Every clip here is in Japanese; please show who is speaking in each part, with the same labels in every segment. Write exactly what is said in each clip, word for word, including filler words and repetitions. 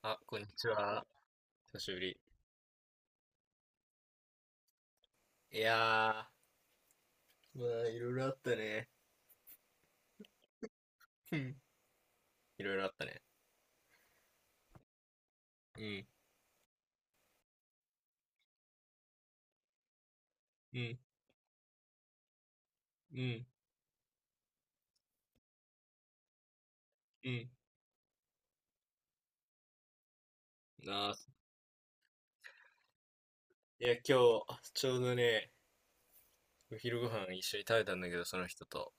Speaker 1: あ、こんにちは。久しぶり。いやー、まあ、いろいろあったね。うんいろいろあったね。うん、うん、うん、うん。なあ、いや、今日、ちょうどね、お昼ご飯一緒に食べたんだけど、その人と。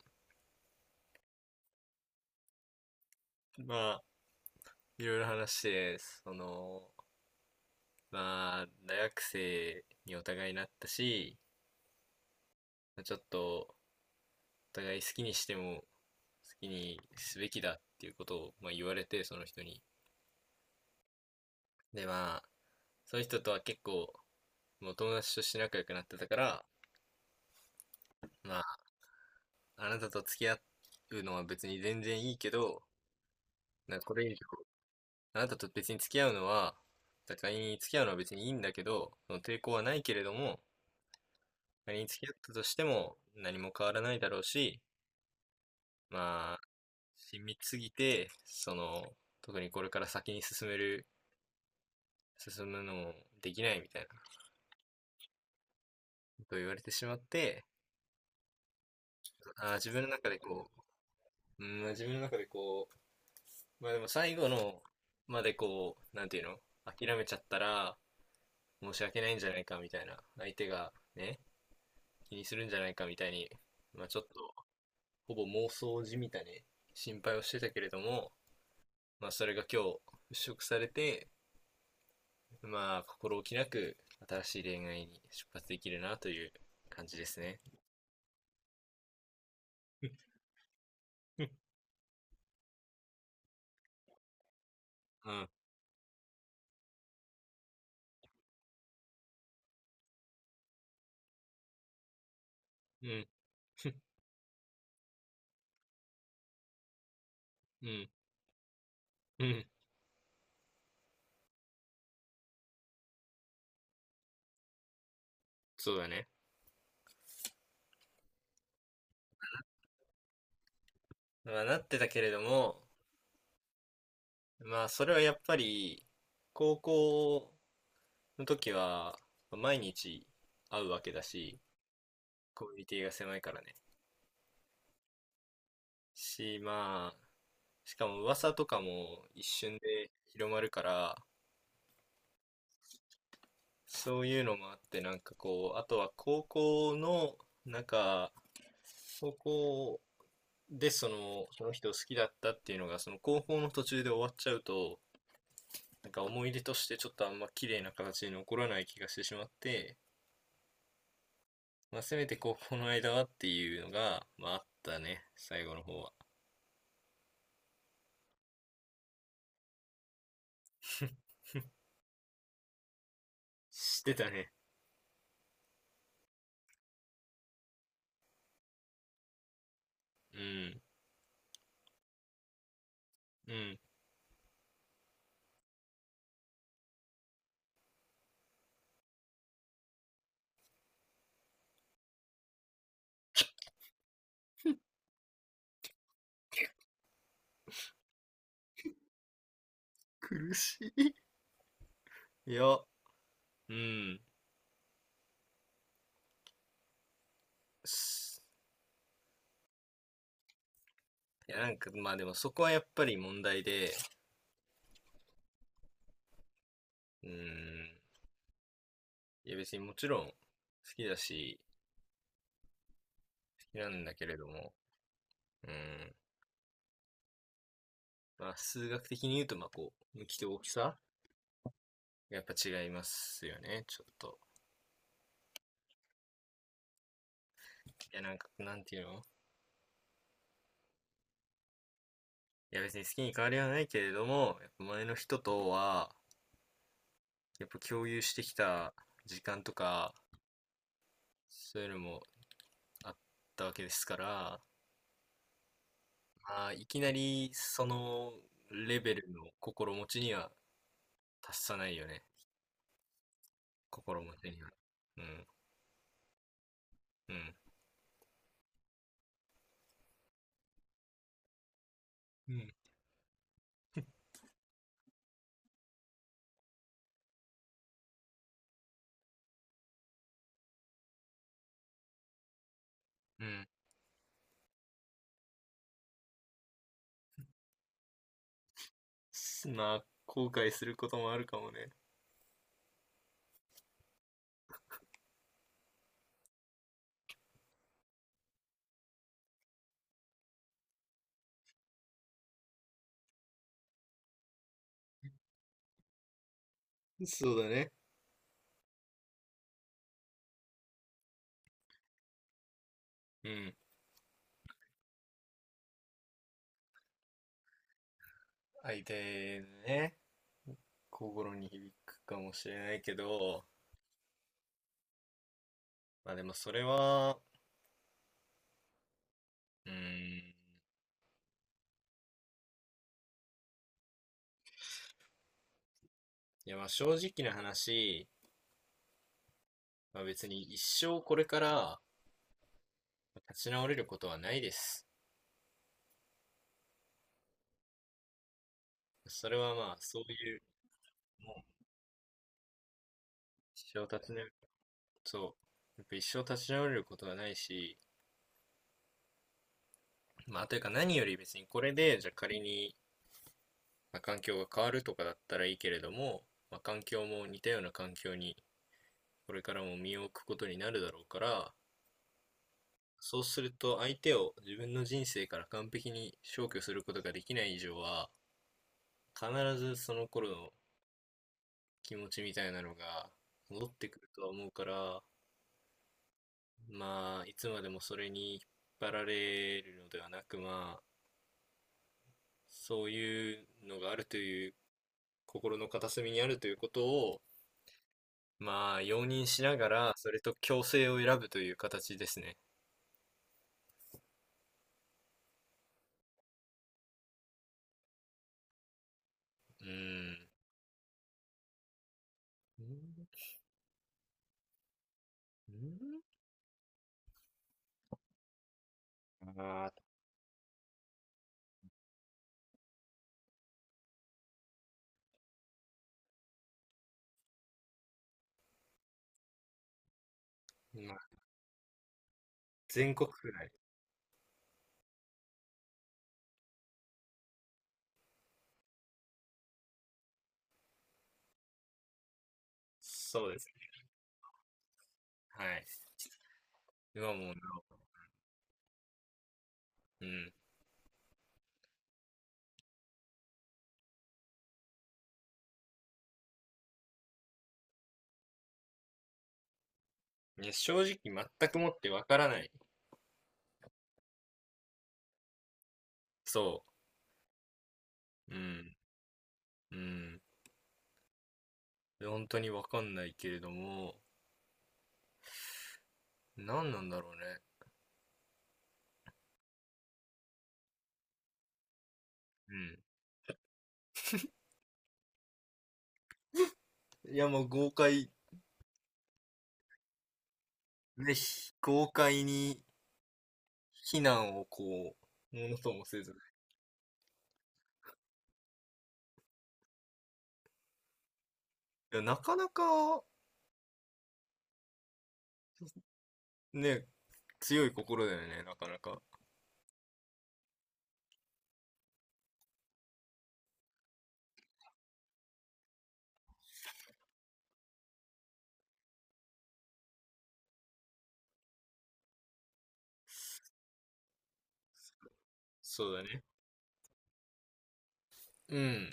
Speaker 1: まあ、いろいろ話して、その、まあ、大学生にお互いなったし、まあちょっと、お互い好きにしても、好きにすべきだっていうことを、まあ、言われて、その人に。で、まあ、その人とは結構もう友達として仲良くなってたから、まあ、あなたと付き合うのは別に全然いいけど、なんかこれ以上、あなたと別に付き合うのは、だから仮に付き合うのは別にいいんだけど、その抵抗はないけれども、仮に付き合ったとしても何も変わらないだろうし、まあ、親密すぎて、その、特にこれから先に進める、進むのもできないみたいなことを言われてしまって、あー自分の中でこう、うん、自分の中でこう、まあでも最後のまでこう、なんていうの諦めちゃったら申し訳ないんじゃないかみたいな、相手がね、気にするんじゃないかみたいに、まあちょっと、ほぼ妄想じみたね、心配をしてたけれども、まあそれが今日払拭されて、まあ心置きなく新しい恋愛に出発できるなという感じですね。うん、うん、うん、うん、そうだね。まあなってたけれども、まあそれはやっぱり、高校の時は、毎日会うわけだし、コミュニティが狭いからね。し、まあ、しかも噂とかも一瞬で広まるから、そういうのもあって、なんかこう、あとは高校の、なんか、高校でその、その人を好きだったっていうのが、その高校の途中で終わっちゃうと、なんか思い出としてちょっとあんま綺麗な形に残らない気がしてしまって、まあ、せめて高校の間はっていうのが、まああったね、最後の方は。してたね。うん。うん。苦しい。いや、うん。いや、なんか、まあでもそこはやっぱり問題で、うん。いや別にもちろん好きだし、好きなんだけれども、うん。まあ数学的に言うと、まあこう、向きと大きさがやっぱ違いますよね、ちょっと。いや、なんか、なんていうのいや別に好きに変わりはないけれども、やっぱ前の人とは、やっぱ共有してきた時間とか、そういうのもあったわけですから、ああ、いきなりそのレベルの心持ちには達さないよね。心持ちには。うん、うん、うん、うん。すまあ、後悔することもあるかもね。そうだね。うん。相手のね、心に響くかもしれないけど、まあでもそれは、うん、いやまあ正直な話、まあ別に一生これから立ち直れることはないです。それはまあそういう、もう一生立ち直そう。やっぱ一生立ち直れることはないし、まあ、というか何より別にこれで、じゃあ仮に、まあ、環境が変わるとかだったらいいけれども、まあ、環境も似たような環境にこれからも身を置くことになるだろうから、そうすると相手を自分の人生から完璧に消去することができない以上は、必ずその頃の気持ちみたいなのが戻ってくるとは思うから、まあ、いつまでもそれに引っ張られるのではなく、まあ、そういうのがあるという心の片隅にあるということをまあ容認しながらそれと共生を選ぶという形ですね。うん。うんうんあーまあ、全国くらい。そうですね。はい。今もなお、うん。ね正直全くもってわからない。そう。うん。うん。本当にわかんないけれども、何なんだろうね。うん。いやもう豪快、ぜひ、豪快に非難をこう、ものともせず。いやなかなか、ね、強い心だよね、なかなか。そうだね。うん。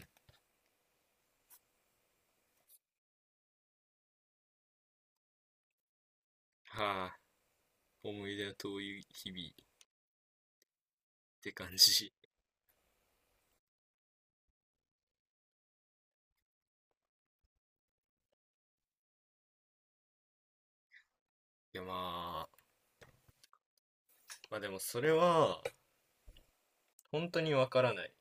Speaker 1: はあ、思い出の遠い日々って感じ。いや、まあ、まあでもそれは、本当にわからない。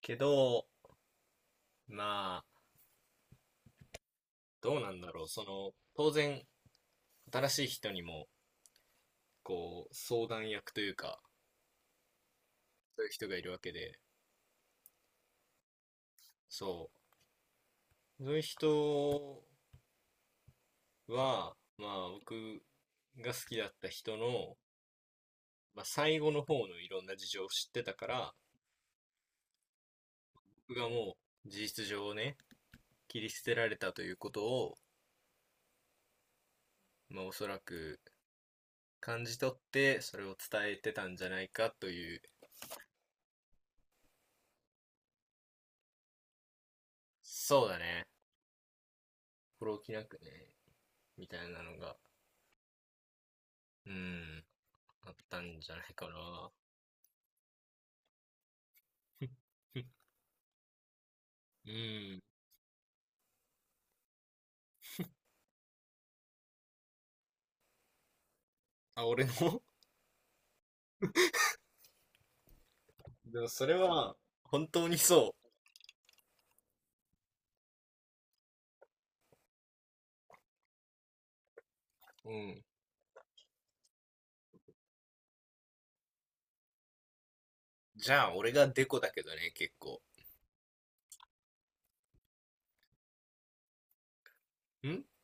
Speaker 1: けど、まあ、どうなんだろう。その、当然、新しい人にも、こう、相談役というか、そういう人がいるわけで、そう。そういう人は、まあ、僕が好きだった人のまあ、最後の方のいろんな事情を知ってたから、僕がもう事実上ね、切り捨てられたということを、まあ、おそらく感じ取って、それを伝えてたんじゃないかという、そうだね、心置きなくね、みたいなのが、うーん、あったんじゃないかな。うん。あ、俺の でもそれは、本当にそう。うん。じゃあ、俺がデコだけどね、結構。ん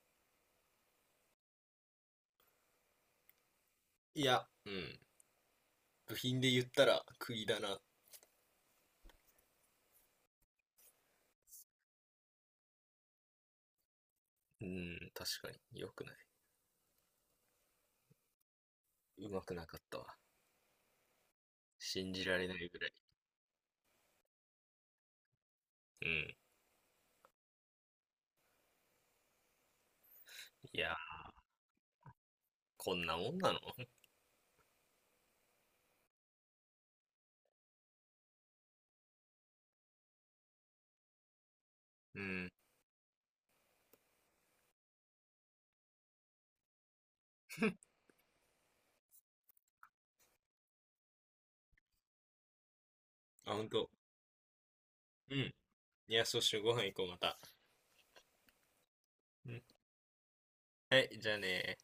Speaker 1: いや、うん。部品で言ったら、釘だなうん、確かに。良くない。うまくなかったわ。信じられないぐらい。うん。いや、こんなもんなのうん。あ、ほんと。うん。いや、そしてご飯行こう、また。うん。はい、じゃあね